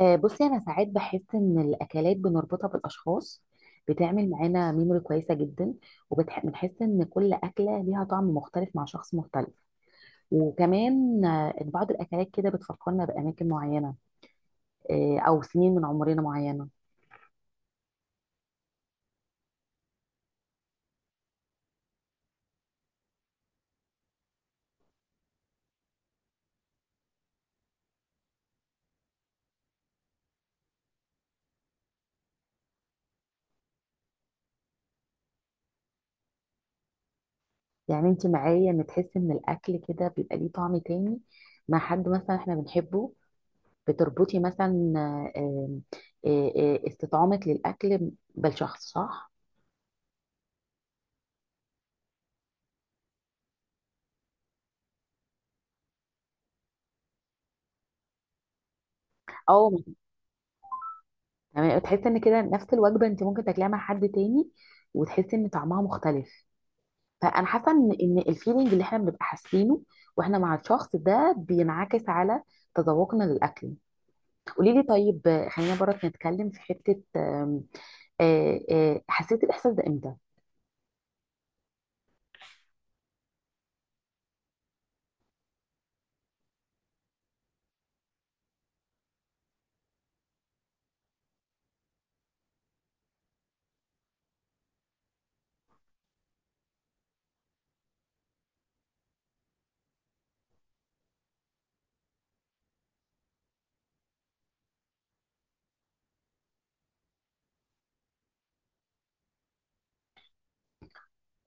بصي، انا ساعات بحس ان الاكلات بنربطها بالاشخاص بتعمل معانا ميموري كويسه جدا. وبنحس ان كل اكله ليها طعم مختلف مع شخص مختلف. وكمان إن بعض الاكلات كده بتفكرنا باماكن معينه، او سنين من عمرنا معينه. يعني انت معايا ان تحس ان الاكل كده بيبقى ليه طعم تاني مع حد مثلا احنا بنحبه. بتربطي مثلا آه، استطعامك للاكل بالشخص، صح؟ او. تمام، تحس ان كده نفس الوجبه انت ممكن تاكليها مع حد تاني وتحسي ان طعمها مختلف. فانا حاسه ان الفيلينج اللي احنا بنبقى حاسينه واحنا مع الشخص ده بينعكس على تذوقنا للاكل. قولي لي طيب، خلينا برك نتكلم في حته. آم، آه، آه، حسيت الاحساس ده امتى؟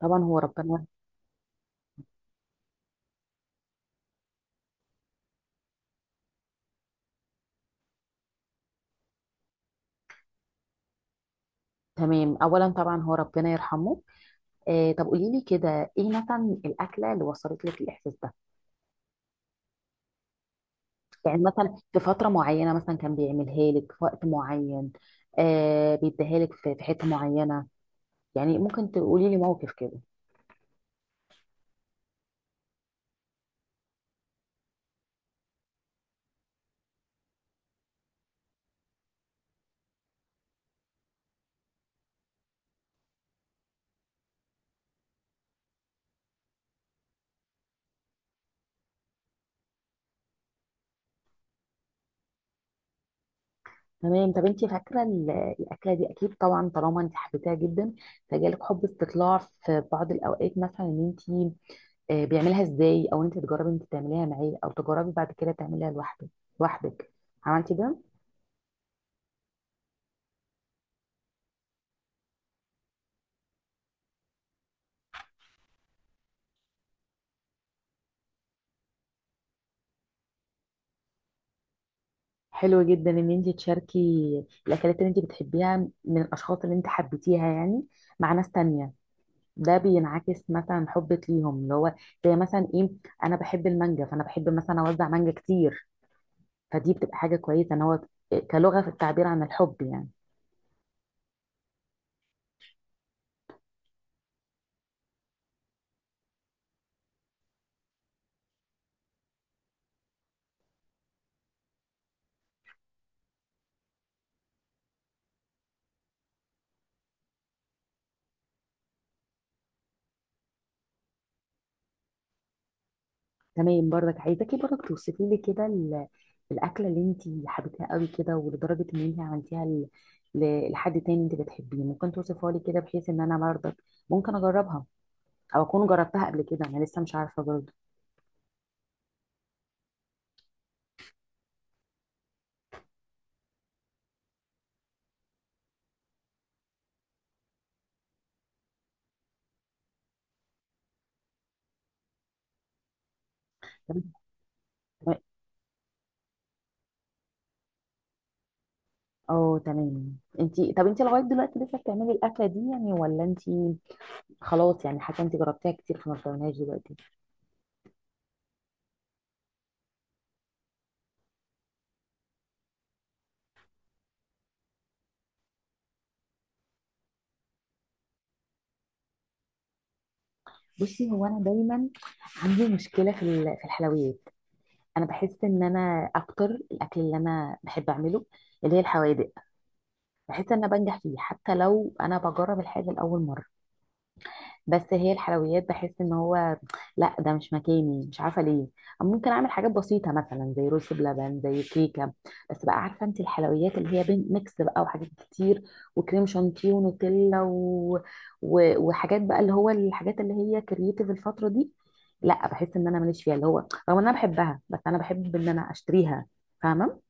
طبعا هو ربنا. تمام، اولا طبعا هو ربنا يرحمه. طب قولي لي كده، ايه مثلا الاكله اللي وصلت لك الاحساس ده؟ يعني مثلا في فترة معينة مثلا كان بيعملها لك في وقت معين. بيديها لك في حتة معينة. يعني ممكن تقولي لي موقف كده؟ تمام، طب انت فاكرة الأكلة دي. أكيد طبعا طالما انت حبيتها جدا، فجالك حب استطلاع في بعض الأوقات مثلا ان انت بيعملها ازاي، أو انت تجربي انت تعمليها معاه، أو تجربي بعد كده تعمليها لوحدك. لوحدك عملتي ده؟ حلو جدا ان انت تشاركي الأكلات اللي انت بتحبيها من الأشخاص اللي انت حبيتيها يعني، مع ناس تانية. ده بينعكس مثلا حبك ليهم اللي هو زي مثلا ايه، انا بحب المانجا فانا بحب مثلا اوزع مانجا كتير، فدي بتبقى حاجه كويسه ان هو كلغه في التعبير عن الحب يعني. تمام، برضك عايزاكي برضك توصفي لي كده الاكله اللي انت حبيتيها قوي كده، ولدرجه ان انت عملتيها لحد تاني انت بتحبيه، ممكن توصفها لي كده بحيث ان انا برضك ممكن اجربها، او اكون جربتها قبل كده، انا لسه مش عارفه برضه. طب انت- اه تمام، انت لغايه دلوقتي لسه بتعملي الاكله دي يعني، ولا انت خلاص يعني حاجه انت جربتيها كتير فما بتعملهاش دلوقتي؟ بصي، هو انا دايما عندي مشكله في الحلويات. انا بحس ان انا اكتر الاكل اللي انا بحب اعمله اللي هي الحوادق، بحس ان انا بنجح فيه حتى لو انا بجرب الحاجه لاول مره. بس هي الحلويات بحس ان هو لا، ده مش مكاني، مش عارفه ليه. ممكن اعمل حاجات بسيطه مثلا زي رز بلبن، زي كيكه. بس بقى عارفه انت، الحلويات اللي هي بين ميكس بقى وحاجات كتير وكريم شانتيه ونوتيلا وحاجات بقى اللي هو الحاجات اللي هي كرييتيف الفتره دي. لا، بحس ان انا ماليش فيها اللي هو، رغم ان انا بحبها بس انا بحب ان انا اشتريها. فاهمه؟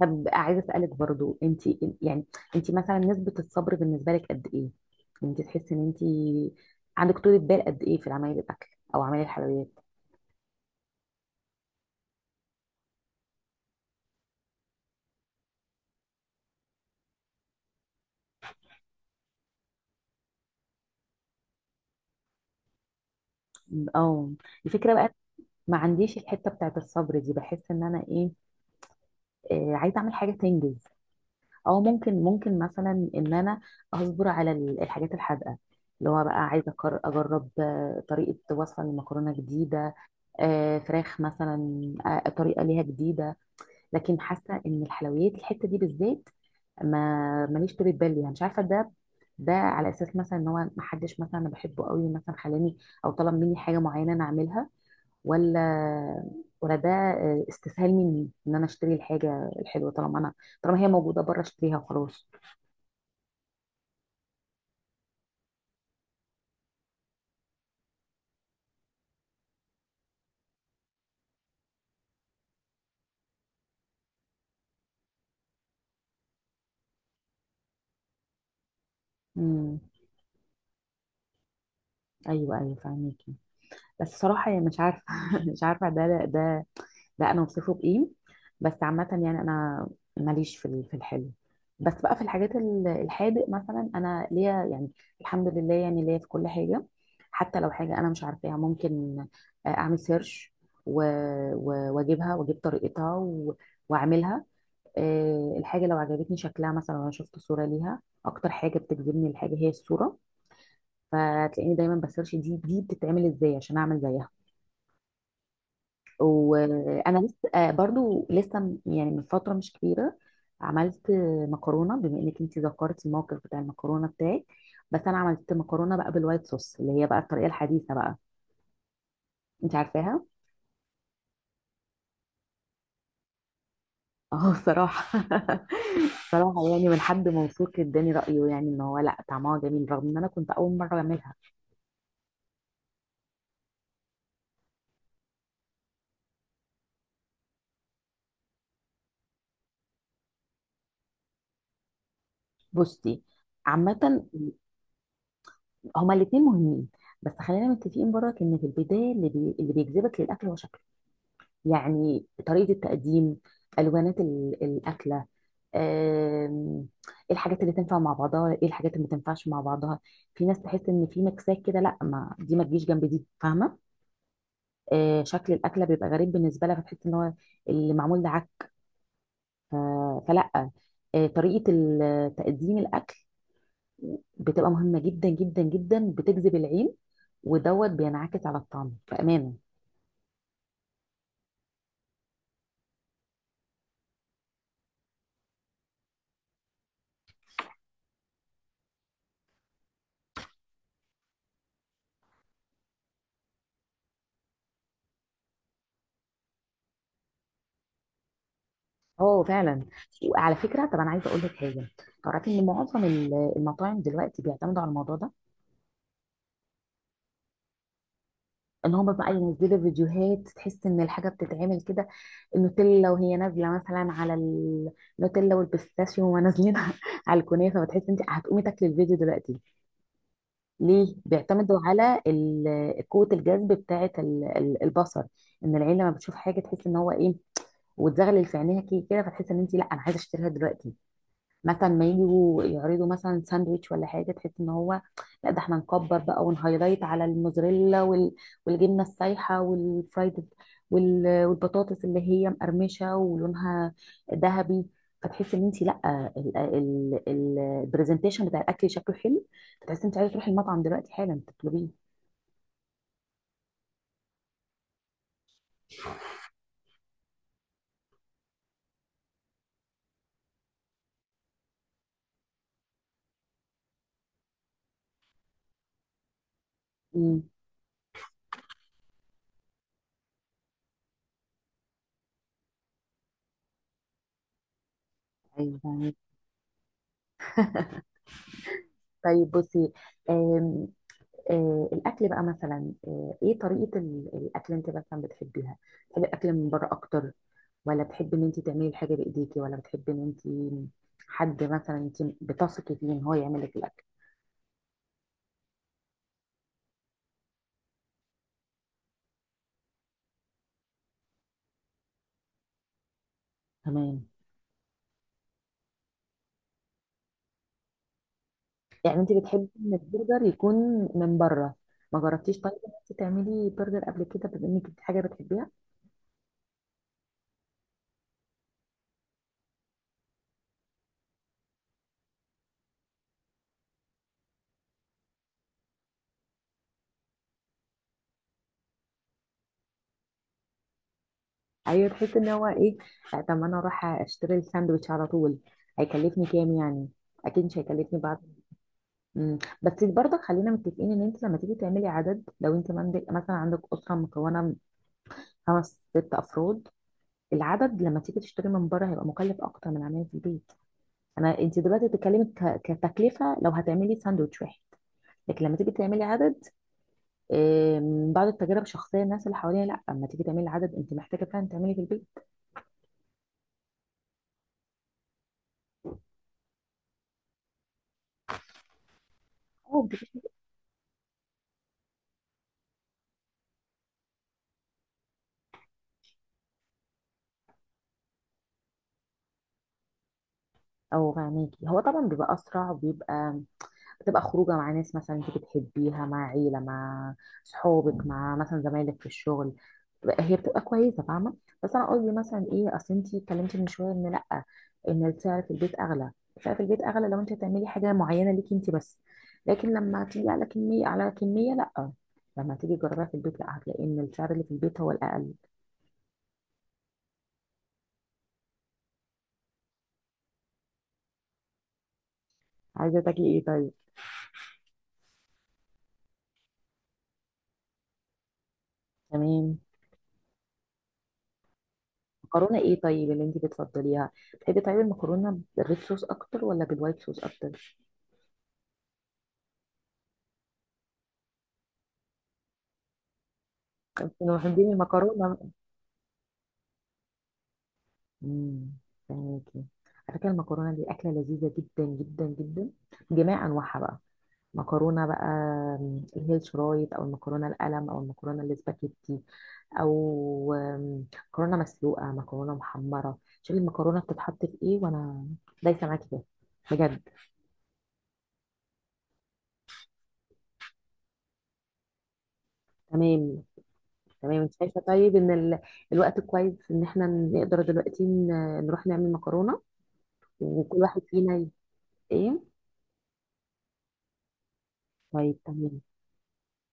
طب عايزه اسالك برضو انت يعني، انت مثلا نسبه الصبر بالنسبه لك قد ايه؟ يعني انت تحسي ان انت عندك طولة بال قد ايه في عمايل الاكل، او عمايل الحلويات؟ اه الفكره بقى ما عنديش الحته بتاعت الصبر دي، بحس ان انا ايه، عايزه اعمل حاجه تنجز. او ممكن مثلا ان انا اصبر على الحاجات الحادقه، اللي هو بقى عايزه اجرب طريقه وصفه لمكرونه جديده، فراخ مثلا، طريقه ليها جديده. لكن حاسه ان الحلويات الحته دي بالذات، ما ماليش طولة بال يعني، مش عارفه ده على اساس مثلا ان هو ما حدش مثلا انا بحبه قوي مثلا خلاني او طلب مني حاجه معينه انا اعملها، ولا ولا ده استسهال مني ان انا اشتري الحاجه الحلوه طالما هي موجوده بره اشتريها وخلاص. امم، ايوه، ايوه، فاهميكي. بس صراحه يعني مش عارفه مش عارفه ده ده، لا انا وصفه بايه. بس عامه يعني انا ماليش في الحلو. بس بقى في الحاجات الحادق مثلا انا ليا يعني، الحمد لله يعني ليا في كل حاجه. حتى لو حاجه انا مش عارفاها ممكن اعمل سيرش واجيبها واجيب طريقتها واعملها. الحاجه لو عجبتني شكلها مثلا وانا شفت صوره ليها، اكتر حاجه بتجذبني الحاجه هي الصوره. فتلاقيني دايما بسيرش دي بتتعمل ازاي عشان اعمل زيها. وانا لسه برضو لسه يعني من فتره مش كبيره عملت مكرونه، بما انك انت ذكرت الموقف بتاع المكرونه بتاعك. بس انا عملت مكرونه بقى بالوايت صوص اللي هي بقى الطريقه الحديثه بقى، انت عارفاها. اه صراحه صراحه يعني، من حد موثوق اداني رايه يعني ان هو لا، طعمها جميل رغم ان انا كنت اول مره اعملها. بصي، عامه هما الاثنين مهمين. بس خلينا متفقين برك ان في البدايه اللي بيجذبك للاكل هو شكله، يعني طريقة التقديم، ألوانات الأكلة. آم، ايه الحاجات اللي تنفع مع بعضها، ايه الحاجات اللي ما تنفعش مع بعضها. في ناس تحس ان في مكسات كده، لا ما دي ما تجيش جنب دي، فاهمة؟ شكل الأكلة بيبقى غريب بالنسبة لها، فتحس ان هو اللي معمول ده عك. ف- فلا، طريقة تقديم الأكل بتبقى مهمة جدا جدا جدا، بتجذب العين ودوت بينعكس على الطعم بأمانة. اه فعلا. وعلى فكره طب انا عايزه اقول لك حاجه، تعرفي ان معظم المطاعم دلوقتي بيعتمدوا على الموضوع ده؟ ان هم بقى ينزلوا فيديوهات تحس ان الحاجه بتتعمل كده، النوتيلا وهي نازله مثلا على النوتيلا والبيستاشيو وهما نازلين على الكنافه، فتحس انت هتقومي تاكلي الفيديو دلوقتي. ليه بيعتمدوا على قوه الجذب بتاعه البصر. ان العين لما بتشوف حاجه تحس ان هو ايه، وتزغلل في عينيها كده، فتحس ان انت لا، انا عايزه اشتريها دلوقتي. مثلا ما يجوا يعرضوا مثلا ساندويتش ولا حاجه تحس ان هو لا، ده احنا نكبر بقى ونهايلايت على الموزاريلا والجبنه السايحه والفرايد والبطاطس اللي هي مقرمشه ولونها ذهبي. فتحس ان انت لا، البرزنتيشن بتاع الاكل شكله حلو، فتحس ان انت عايزه تروحي المطعم دلوقتي حالا تطلبيه. مم. ايوه، فاهمك. طيب بصي، آم، آه، الاكل بقى مثلا، ايه طريقه الاكل اللي انت مثلا بتحبيها؟ بتحبي الاكل من بره اكتر، ولا بتحبي ان انت تعملي الحاجه بايديكي، ولا بتحبي ان انت حد مثلا انت بتثقي فيه ان هو يعمل لك الاكل؟ تمام، يعني انت بتحبي ان البرجر يكون من بره. ما جربتيش طيب ان انت تعملي برجر قبل كده بما انك دي حاجه بتحبيها؟ ايوه، تحسي ان هو ايه؟ طب ما انا اروح اشتري الساندوتش على طول، هيكلفني كام يعني؟ اكيد مش هيكلفني بعد. مم. بس برضك خلينا متفقين ان انت لما تيجي تعملي عدد، لو انت عندك مثلا عندك اسره مكونه من خمس ست افراد، العدد لما تيجي تشتري من بره هيبقى مكلف اكتر من عمايل في البيت. انت دلوقتي بتتكلمي كتكلفه لو هتعملي ساندوتش واحد. لكن لما تيجي تعملي عدد، من بعض التجارب الشخصيه الناس اللي حواليها، لا اما تيجي تعملي عدد انت محتاجه فعلا تعملي في البيت. او بتجيبي- او غنيكي هو طبعا بيبقى اسرع بتبقى خروجه مع ناس مثلا انت بتحبيها، مع عيله، مع صحابك، مع مثلا زمايلك في الشغل. هي بتبقى كويسه، فاهمه. بس انا قصدي مثلا ايه، اصل انت اتكلمتي من شويه ان لا ان السعر في البيت اغلى. السعر في البيت اغلى لو انت هتعملي حاجه معينه ليكي انت بس. لكن لما تيجي على كميه على كميه، لا، لما تيجي تجربيها في البيت، لا، هتلاقي ان السعر اللي في البيت هو الاقل. عايزه تاكلي ايه طيب؟ تمام. مكرونه ايه طيب اللي انت بتفضليها؟ بتحبي طيب المكرونه بالريد صوص اكتر، ولا بالوايت صوص اكتر؟ من محبين المكرونه. امم فهميكي. على فكره، المكرونه دي اكله لذيذه جدا جدا جدا، جميع انواعها بقى. مكرونه بقى اللي هي الشرايط، او المكرونه القلم، او المكرونه الاسباجيتي، او مكرونه مسلوقه، مكرونه محمره. شوفي المكرونه بتتحط في ايه وانا دايسه معاكي فيها، بجد. تمام، تمام انت شايفه طيب ان الوقت كويس ان احنا نقدر دلوقتي نروح نعمل مكرونه، وكل واحد فينا ايه؟ طيب، تمام.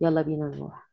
يلا بينا نروح.